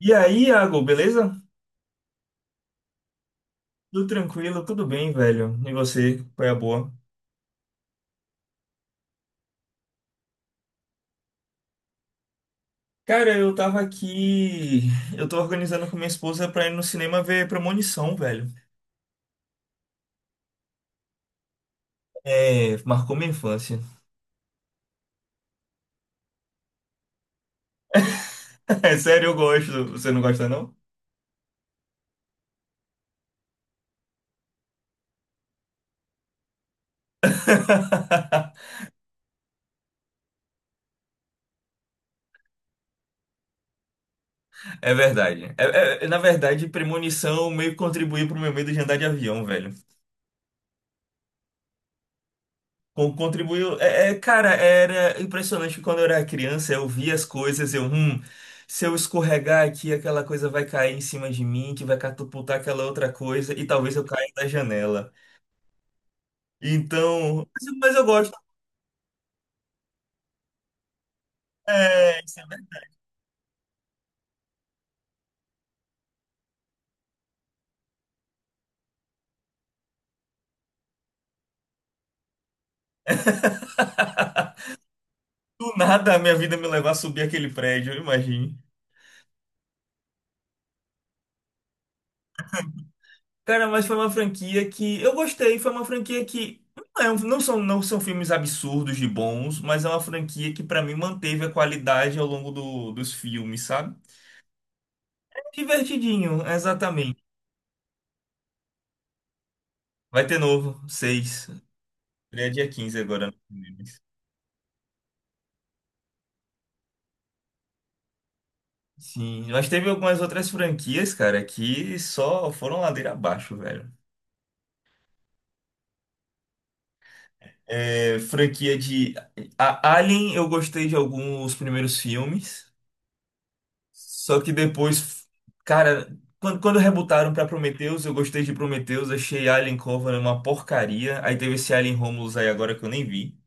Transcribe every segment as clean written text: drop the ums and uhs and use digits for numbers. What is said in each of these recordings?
E aí, Iago, beleza? Tudo tranquilo, tudo bem, velho. E você? Foi a boa? Cara, eu tava aqui. Eu tô organizando com minha esposa pra ir no cinema ver Premonição, velho. É, marcou minha infância. É sério, eu gosto. Você não gosta, não? É verdade. Na verdade, Premonição meio que contribuiu pro meu medo de andar de avião, velho. Contribuiu. É, cara, era impressionante que quando eu era criança, eu via as coisas, se eu escorregar aqui, aquela coisa vai cair em cima de mim, que vai catapultar aquela outra coisa, e talvez eu caia da janela. Então, mas eu gosto. É, isso é verdade. Do nada a minha vida me levar a subir aquele prédio, eu imagine. Cara, mas foi uma franquia que eu gostei, foi uma franquia que não, não são filmes absurdos de bons, mas é uma franquia que pra mim manteve a qualidade ao longo dos filmes, sabe? Divertidinho, exatamente. Vai ter novo, seis. Ele é dia 15 agora. Nos cinemas. Sim, mas teve algumas outras franquias, cara, que só foram ladeira abaixo, velho. É, franquia de a Alien, eu gostei de alguns primeiros filmes, só que depois, cara, quando rebutaram pra Prometheus, eu gostei de Prometheus, achei Alien Covenant uma porcaria. Aí teve esse Alien Romulus aí agora que eu nem vi.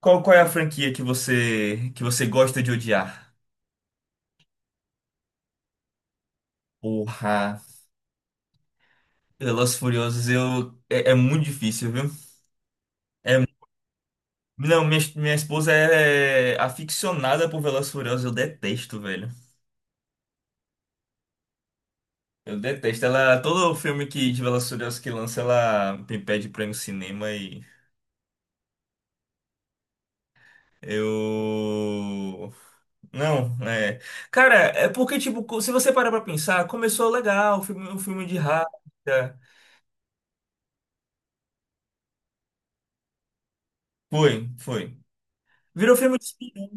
Qual é a franquia que você gosta de odiar? Porra. Velozes e Furiosos, eu... É, é muito difícil, viu? Não, minha esposa é aficionada por Velozes e Furiosos, eu detesto, velho. Eu detesto. Ela, todo filme que, de Velozes e Furiosos que lança, ela me pede pra ir no cinema e... Eu... Não, é... Cara, é porque, tipo, se você parar pra pensar, começou legal, o filme de raça. Foi, foi. Virou filme de espião,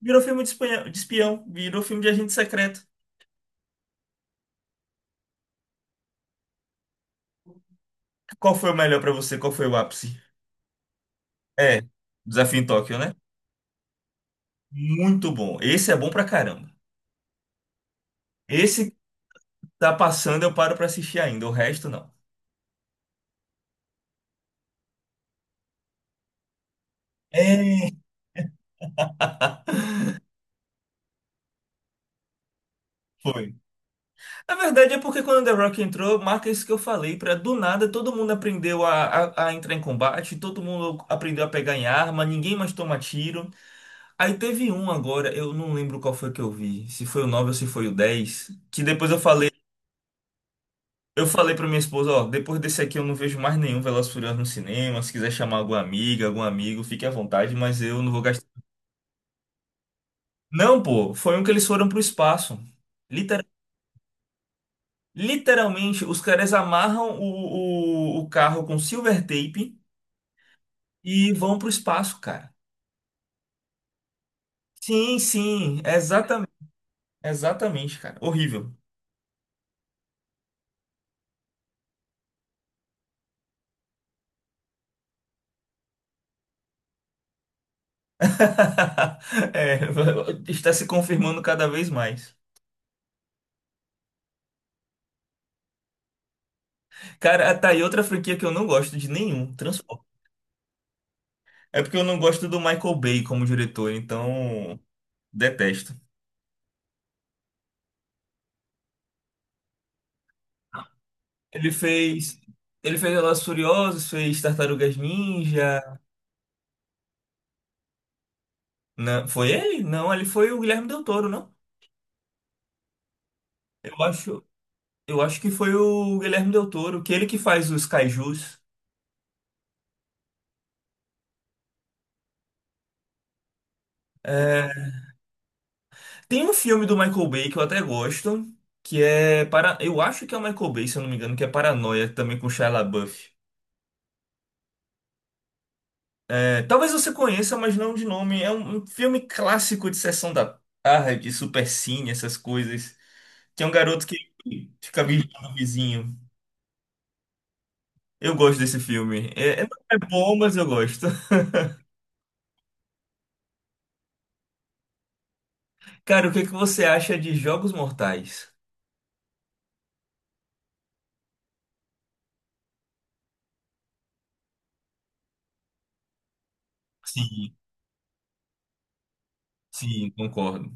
virou filme de de espião, virou filme de agente secreto. Qual foi o melhor pra você? Qual foi o ápice? É, Desafio em Tóquio, né? Muito bom. Esse é bom pra caramba. Esse que tá passando, eu paro pra assistir ainda. O resto, não. É, foi. Na verdade, é porque quando The Rock entrou, marca isso que eu falei, pra do nada todo mundo aprendeu a entrar em combate, todo mundo aprendeu a pegar em arma, ninguém mais toma tiro. Aí teve um agora, eu não lembro qual foi que eu vi, se foi o 9 ou se foi o 10, que depois eu falei. Eu falei pra minha esposa, ó, depois desse aqui eu não vejo mais nenhum Velozes e Furiosos no cinema. Se quiser chamar alguma amiga, algum amigo, fique à vontade, mas eu não vou gastar. Não, pô, foi um que eles foram pro espaço. Liter- Literalmente, os caras amarram o carro com silver tape e vão pro espaço, cara. Sim, sim, exatamente, exatamente, cara. Horrível. É, está se confirmando cada vez mais. Cara, tá aí outra franquia que eu não gosto de nenhum, Transformers. É porque eu não gosto do Michael Bay como diretor, então detesto. Ele fez, ele fez Velozes e Furiosos, fez Tartarugas Ninja. Não, foi ele? Não, ele foi o Guilherme Del Toro, não? Eu acho, eu acho que foi o Guilherme Del Toro, que é ele que faz os kaijus. É, tem um filme do Michael Bay que eu até gosto, que é para, eu acho que é o Michael Bay, se eu não me engano, que é Paranoia, também com Shia LaBeouf. É, talvez você conheça, mas não de nome. É um filme clássico de sessão da tarde, supercine, essas coisas. Tem um garoto que fica vigiando o vizinho. Eu gosto desse filme. É, é- não é bom, mas eu gosto. Cara, o que é que você acha de Jogos Mortais? Sim, sim, concordo.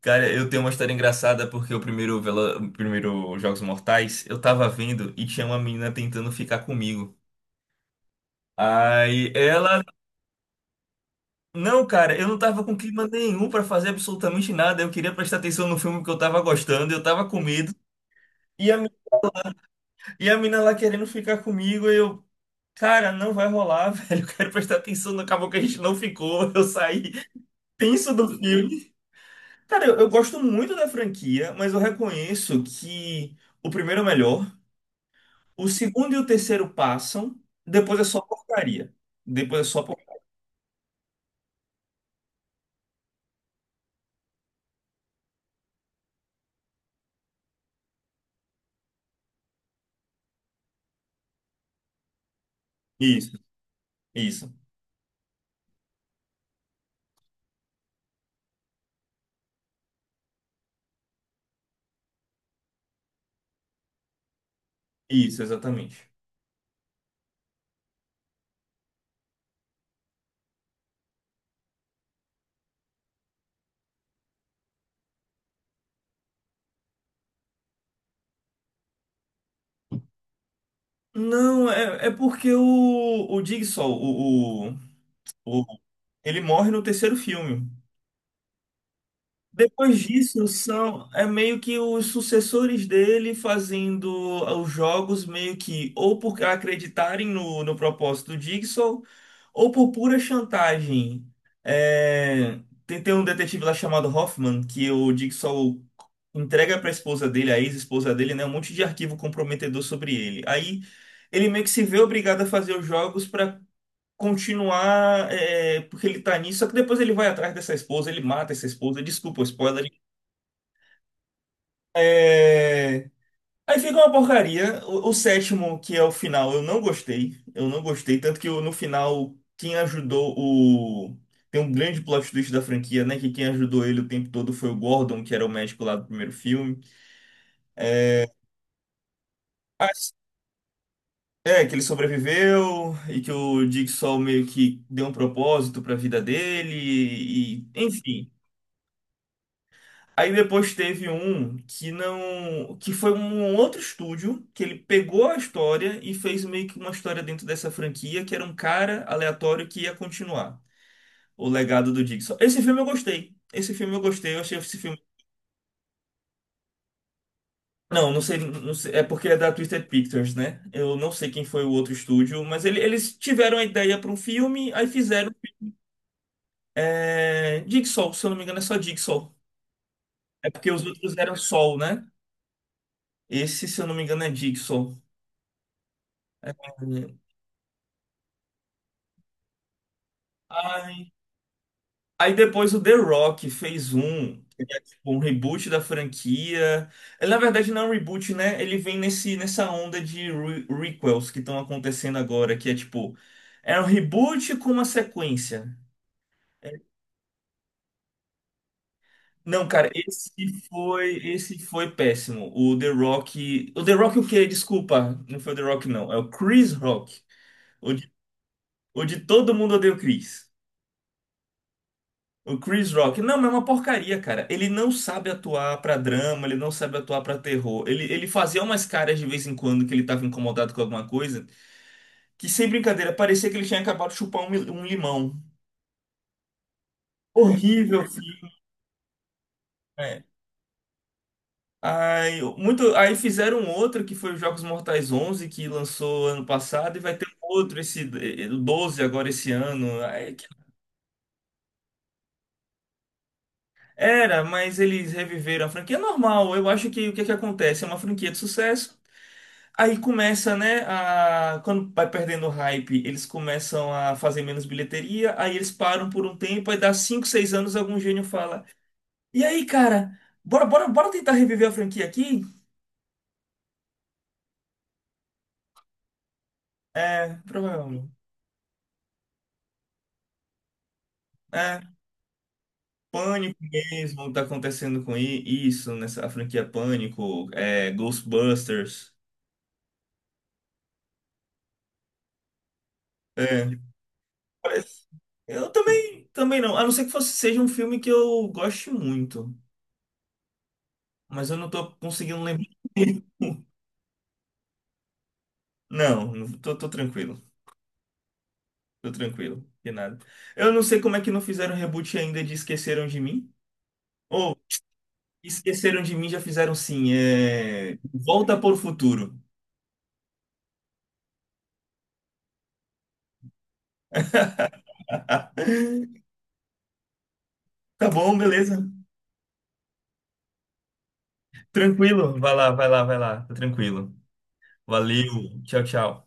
Cara, eu tenho uma história engraçada porque o primeiro, o primeiro Jogos Mortais eu tava vendo e tinha uma menina tentando ficar comigo. Aí ela. Não, cara, eu não tava com clima nenhum pra fazer absolutamente nada. Eu queria prestar atenção no filme que eu tava gostando, eu tava com medo. E a, mi- e a mina lá querendo ficar comigo, e eu, cara, não vai rolar, velho. Eu quero prestar atenção no acabou que a gente não ficou. Eu saí tenso do filme. Cara, eu gosto muito da franquia, mas eu reconheço que o primeiro é o melhor, o segundo e o terceiro passam, depois é só porcaria. Depois é só porcaria. Isso, isso, isso, exatamente. Não, é porque o Jigsaw, o- ele morre no terceiro filme. Depois disso, são é meio que os sucessores dele fazendo ah, os jogos meio que ou por acreditarem no, no propósito do Jigsaw ou por pura chantagem. É, tem um detetive lá chamado Hoffman que o Jigsaw entrega para a esposa dele, a ex-esposa dele, né, um monte de arquivo comprometedor sobre ele. Aí ele meio que se vê obrigado a fazer os jogos para continuar é, porque ele tá nisso, só que depois ele vai atrás dessa esposa, ele mata essa esposa, desculpa o spoiler. É... Aí fica uma porcaria. O sétimo, que é o final, eu não gostei. Eu não gostei, tanto que eu- no final, quem ajudou o. Tem um grande plot twist da franquia, né? Que quem ajudou ele o tempo todo foi o Gordon, que era o médico lá do primeiro filme. Mas, é, que ele sobreviveu e que o Jigsaw meio que deu um propósito pra vida dele, e, enfim. Aí depois teve um que não, que foi um outro estúdio que ele pegou a história e fez meio que uma história dentro dessa franquia, que era um cara aleatório que ia continuar o legado do Jigsaw. Esse filme eu gostei. Esse filme eu gostei, eu achei esse filme. Não, não sei, é porque é da Twisted Pictures, né? Eu não sei quem foi o outro estúdio, mas ele- eles tiveram a ideia para um filme, aí fizeram é, Jigsaw, se eu não me engano é só Jigsaw. É porque os outros eram Sol, né? Esse, se eu não me engano, é Jigsaw. É. Ah, aí depois o The Rock fez um, que é tipo um reboot da franquia. Ele, na verdade, não é um reboot, né? Ele vem nesse, nessa onda de re requels que estão acontecendo agora, que é tipo, é um reboot com uma sequência. É, não, cara, esse foi péssimo. O The Rock. O The Rock o quê? Desculpa, não foi o The Rock, não. É o Chris Rock. O de, o de todo mundo odeia o Chris. O Chris Rock, não, mas é uma porcaria, cara. Ele não sabe atuar pra drama, ele não sabe atuar pra terror. Ele fazia umas caras de vez em quando que ele tava incomodado com alguma coisa, que sem brincadeira, parecia que ele tinha acabado de chupar um limão. Horrível, filho. É. Aí, muito, aí fizeram outro que foi os Jogos Mortais 11, que lançou ano passado, e vai ter outro, esse 12 agora esse ano. Aí era, mas eles reviveram a franquia. É normal, eu acho que o que que acontece? É uma franquia de sucesso. Aí começa, né, a... quando vai perdendo o hype, eles começam a fazer menos bilheteria, aí eles param por um tempo, aí dá 5, 6 anos, algum gênio fala, e aí, cara, bora, bora, bora tentar reviver a franquia aqui? É, provavelmente. É, Pânico mesmo, tá acontecendo com isso, nessa a franquia Pânico, é, Ghostbusters. É, parece- eu também, também não, a não ser que fosse, seja um filme que eu goste muito, mas eu não tô conseguindo lembrar. Não, tô, tranquilo. Tô tranquilo, de nada. Eu não sei como é que não fizeram reboot ainda de Esqueceram de Mim. Ou Esqueceram de Mim já fizeram sim. É... Volta por Futuro. Tá bom, beleza. Tranquilo. Vai lá, vai lá, vai lá. Tá tranquilo. Valeu. Tchau, tchau.